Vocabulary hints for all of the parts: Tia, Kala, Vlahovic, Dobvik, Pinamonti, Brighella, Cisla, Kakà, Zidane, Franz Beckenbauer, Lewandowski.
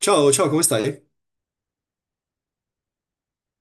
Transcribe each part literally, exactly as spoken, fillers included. Ciao, ciao, come stai?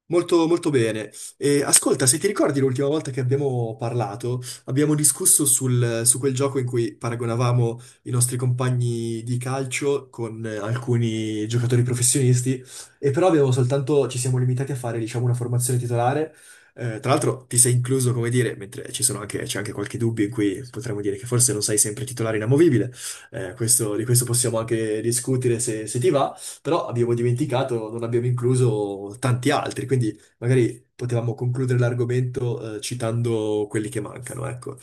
Molto, molto bene. E, ascolta, se ti ricordi l'ultima volta che abbiamo parlato, abbiamo discusso sul- su quel gioco in cui paragonavamo i nostri compagni di calcio con eh, alcuni giocatori professionisti, e però abbiamo soltanto, ci siamo limitati a fare, diciamo, una formazione titolare. Eh, tra l'altro ti sei incluso, come dire, mentre ci sono anche, c'è anche qualche dubbio in cui potremmo dire che forse non sei sempre titolare inamovibile. Eh, questo- di questo possiamo anche discutere se se ti va, però abbiamo dimenticato, non abbiamo incluso tanti altri, quindi magari potevamo concludere l'argomento eh, citando quelli che mancano, ecco.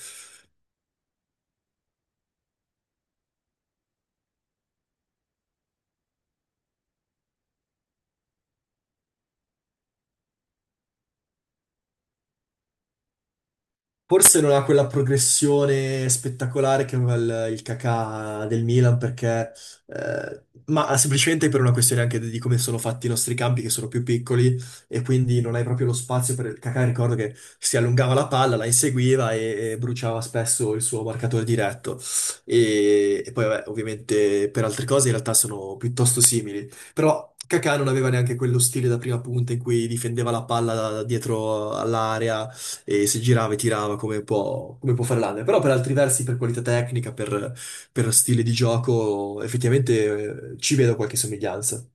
Forse non ha quella progressione spettacolare che aveva il, il Kakà del Milan, perché, eh, ma semplicemente per una questione anche di come sono fatti i nostri campi, che sono più piccoli, e quindi non hai proprio lo spazio per il Kakà. Ricordo che si allungava la palla, la inseguiva e, e bruciava spesso il suo marcatore diretto. E, e poi, vabbè, ovviamente per altre cose in realtà sono piuttosto simili. Però Kakà non aveva neanche quello stile da prima punta in cui difendeva la palla da- dietro all'area e si girava e tirava come può, come può fare l'Under. Però per altri versi, per qualità tecnica, per, per stile di gioco, effettivamente eh, ci vedo qualche somiglianza.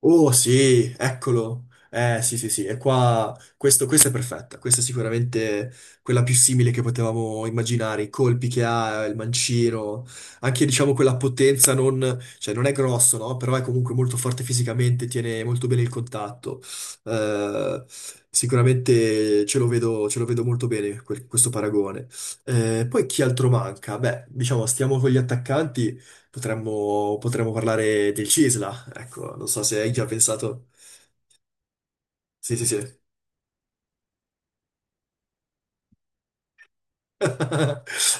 Oh sì, eccolo. Eh sì sì sì, e qua questo- questa è perfetta, questa è sicuramente quella più simile che potevamo immaginare, i colpi che ha, il mancino, anche diciamo quella potenza non, cioè non è grosso, no? Però è comunque molto forte fisicamente, tiene molto bene il contatto. Eh, Sicuramente ce lo vedo, ce lo vedo molto bene quel- questo paragone. Eh, poi chi altro manca? Beh, diciamo stiamo con gli attaccanti, potremmo, potremmo parlare del Cisla. Ecco, non so se hai già pensato. Sì, sì, sì.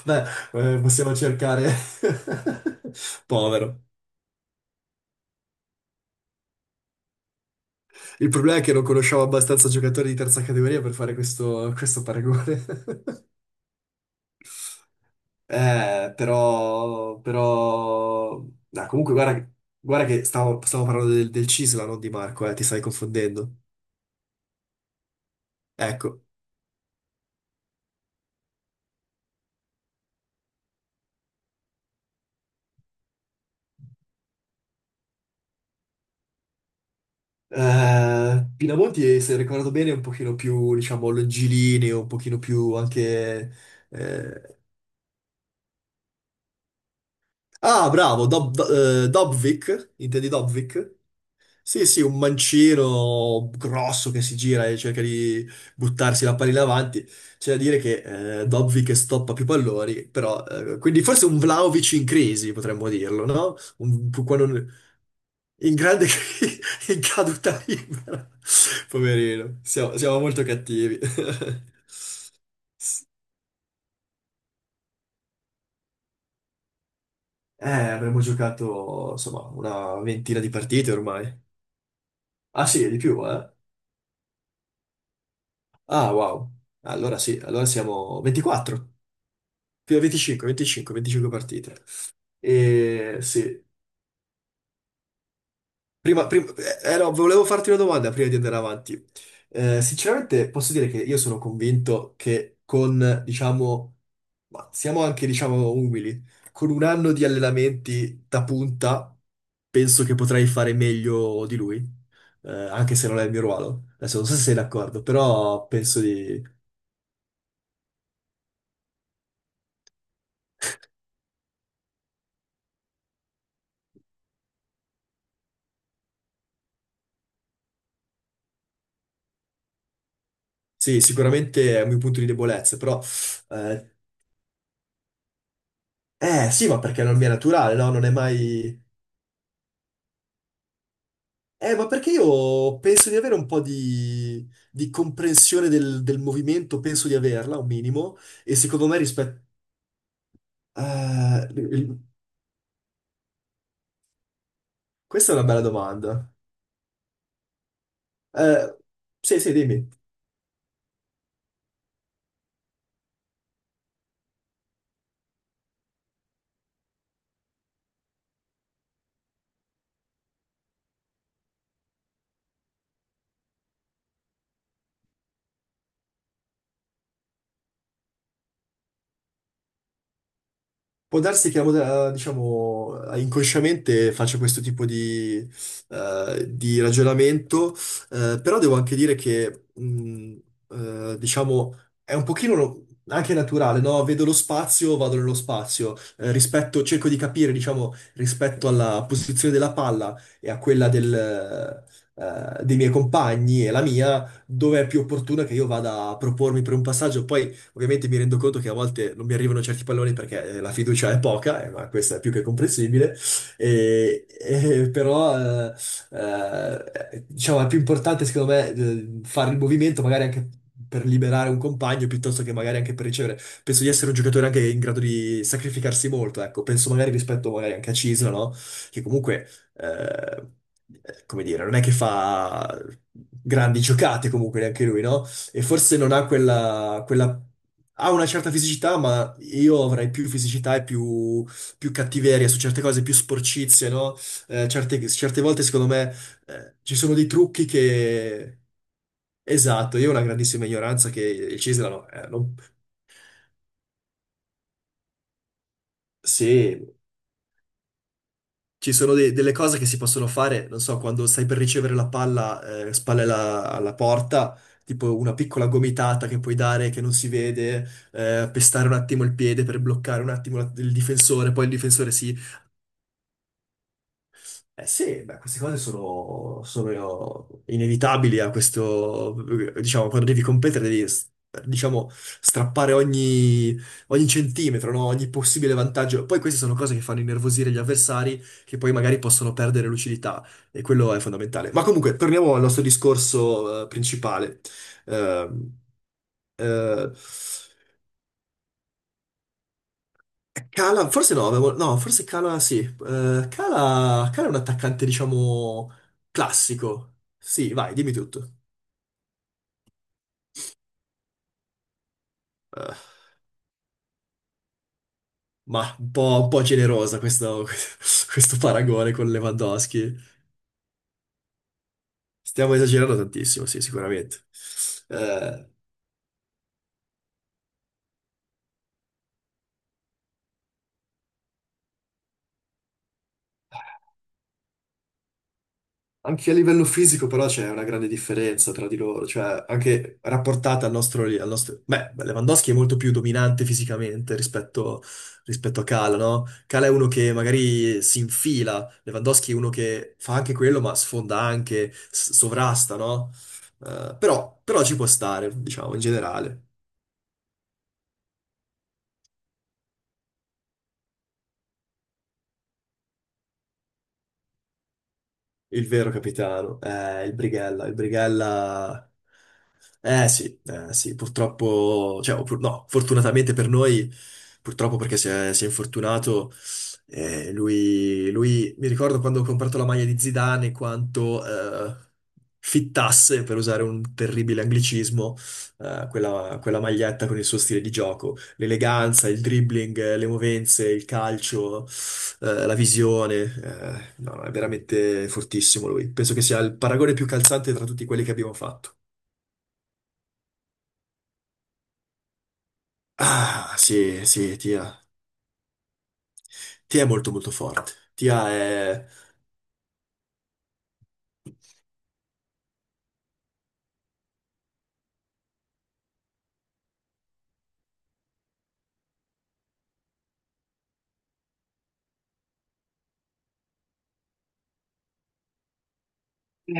Beh, eh, possiamo cercare. Povero. Il problema è che non conosciamo abbastanza giocatori di terza categoria per fare questo, questo paragone. Eh, però, però... no, comunque, guarda, guarda che stavo, stavo parlando del, del Cisla, non di Marco, eh, ti stai confondendo. Ecco. Eh, Pinamonti, se ricordo bene, è un pochino più, diciamo, longilineo, un pochino più anche eh, ah, bravo, Dob, eh, Dobvik, intendi Dobvik? Sì, sì, un mancino grosso che si gira e cerca di buttarsi la palla in avanti. C'è da dire che eh, Dobvik stoppa più palloni, però... eh, quindi forse un Vlahovic in crisi, potremmo dirlo, no? Un, quando- in grande crisi, in caduta libera. Poverino, siamo, siamo molto cattivi. Eh, avremmo giocato, insomma, una ventina di partite ormai. Ah sì, di più, eh? Ah, wow. Allora sì, allora siamo ventiquattro, più venticinque, venticinque, venticinque partite. E sì, prima, prima- eh, no, volevo farti una domanda prima di andare avanti. Eh, sinceramente posso dire che io sono convinto che con, diciamo, ma siamo anche, diciamo, umili, con un anno di allenamenti da punta, penso che potrei fare meglio di lui. Eh, anche se non è il mio ruolo. Adesso non so se sei d'accordo, però penso di sì, sicuramente è un mio punto di debolezza, però... Eh, eh, sì, ma perché non mi è naturale, no? Non è mai... Eh, ma perché io penso di avere un po' di, di comprensione del, del movimento, penso di averla, un minimo, e secondo me rispetto... eh, il- questa è una bella domanda. Eh, sì, sì, dimmi. Può darsi che, eh, diciamo, inconsciamente faccia questo tipo di, eh, di ragionamento, eh, però devo anche dire che, mh, eh, diciamo, è un pochino no, anche naturale, no? Vedo lo spazio, vado nello spazio. Eh, rispetto, cerco di capire, diciamo, rispetto alla posizione della palla e a quella del, eh, dei miei compagni e la mia, dove è più opportuna che io vada a propormi per un passaggio. Poi ovviamente mi rendo conto che a volte non mi arrivano certi palloni perché eh, la fiducia è poca, eh, ma questo è più che comprensibile, e, e però eh, eh, diciamo è più importante secondo me eh, fare il movimento magari anche per liberare un compagno piuttosto che magari anche per ricevere. Penso di essere un giocatore anche in grado di sacrificarsi molto, ecco, penso magari rispetto magari anche a Cisla, no? Che comunque... eh, come dire, non è che fa grandi giocate comunque neanche lui, no? E forse non ha quella, quella... ha una certa fisicità, ma io avrei più fisicità e più, più cattiveria su certe cose, più sporcizie, no? Eh, certe, certe volte, secondo me, eh, ci sono dei trucchi che... Esatto, io ho una grandissima ignoranza che il Cesare, no, eh, non- sì. Ci sono de- delle cose che si possono fare, non so, quando stai per ricevere la palla, eh, spalle alla, alla porta, tipo una piccola gomitata che puoi dare che non si vede, eh, pestare un attimo il piede per bloccare un attimo la- il difensore, poi il difensore si eh sì, beh, queste cose sono, sono inevitabili a questo, diciamo, quando devi competere devi, diciamo, strappare ogni, ogni centimetro, no? Ogni possibile vantaggio. Poi queste sono cose che fanno innervosire gli avversari, che poi magari possono perdere lucidità, e quello è fondamentale. Ma comunque, torniamo al nostro discorso, eh, principale. Ehm, eh, Cala, forse no, avevo- no, forse Cala sì. Eh, Cala, Cala è un attaccante, diciamo, classico. Sì, vai, dimmi tutto. Eh, ma un po', un po' generosa questo, questo paragone con Lewandowski. Stiamo esagerando tantissimo, sì, sicuramente. Eh, Anche a livello fisico però c'è una grande differenza tra di loro, cioè anche rapportata al nostro... al nostro- beh, Lewandowski è molto più dominante fisicamente rispetto, rispetto a Kala, no? Kala è uno che magari si infila, Lewandowski è uno che fa anche quello ma sfonda anche, s- sovrasta, no? Eh, però, però ci può stare, diciamo, in generale. Il vero capitano, eh, il Brighella, il Brighella... Eh sì, eh sì, purtroppo, cioè, o pur- no, fortunatamente per noi, purtroppo perché si è, si è infortunato, eh, lui, lui, mi ricordo quando ho comprato la maglia di Zidane, quanto eh, fittasse, per usare un terribile anglicismo, eh, quella, quella maglietta con il suo stile di gioco, l'eleganza, il dribbling, eh, le movenze, il calcio, eh, la visione, eh, no, no, è veramente fortissimo lui. Penso che sia il paragone più calzante tra tutti quelli che abbiamo fatto. Ah, sì, sì, Tia. Tia è molto molto forte. Tia è...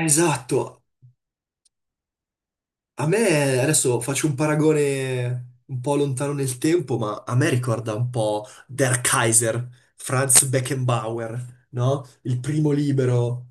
esatto. A me, adesso faccio un paragone un po' lontano nel tempo, ma a me ricorda un po' Der Kaiser, Franz Beckenbauer, no? Il primo libero.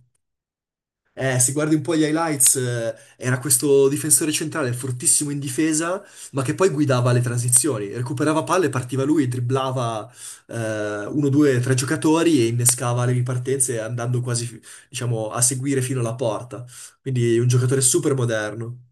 Eh, se guardi un po' gli highlights, eh, era questo difensore centrale fortissimo in difesa, ma che poi guidava le transizioni. Recuperava palle, partiva lui, dribblava eh, uno, due, tre giocatori e innescava le ripartenze andando quasi, diciamo, a seguire fino alla porta. Quindi un giocatore super moderno.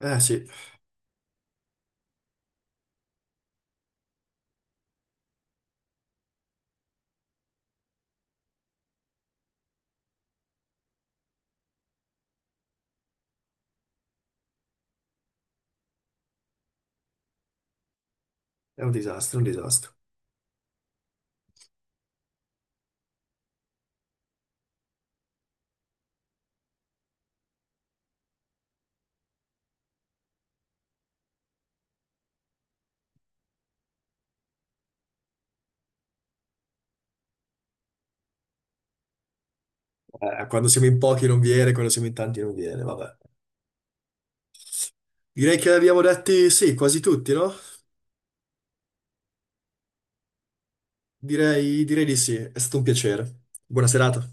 Eh sì, è un disastro, è un disastro. Eh, quando siamo in pochi non viene, quando siamo in tanti non viene, vabbè. Direi che abbiamo detti sì, quasi tutti, no? Direi, direi di sì, è stato un piacere. Buona serata.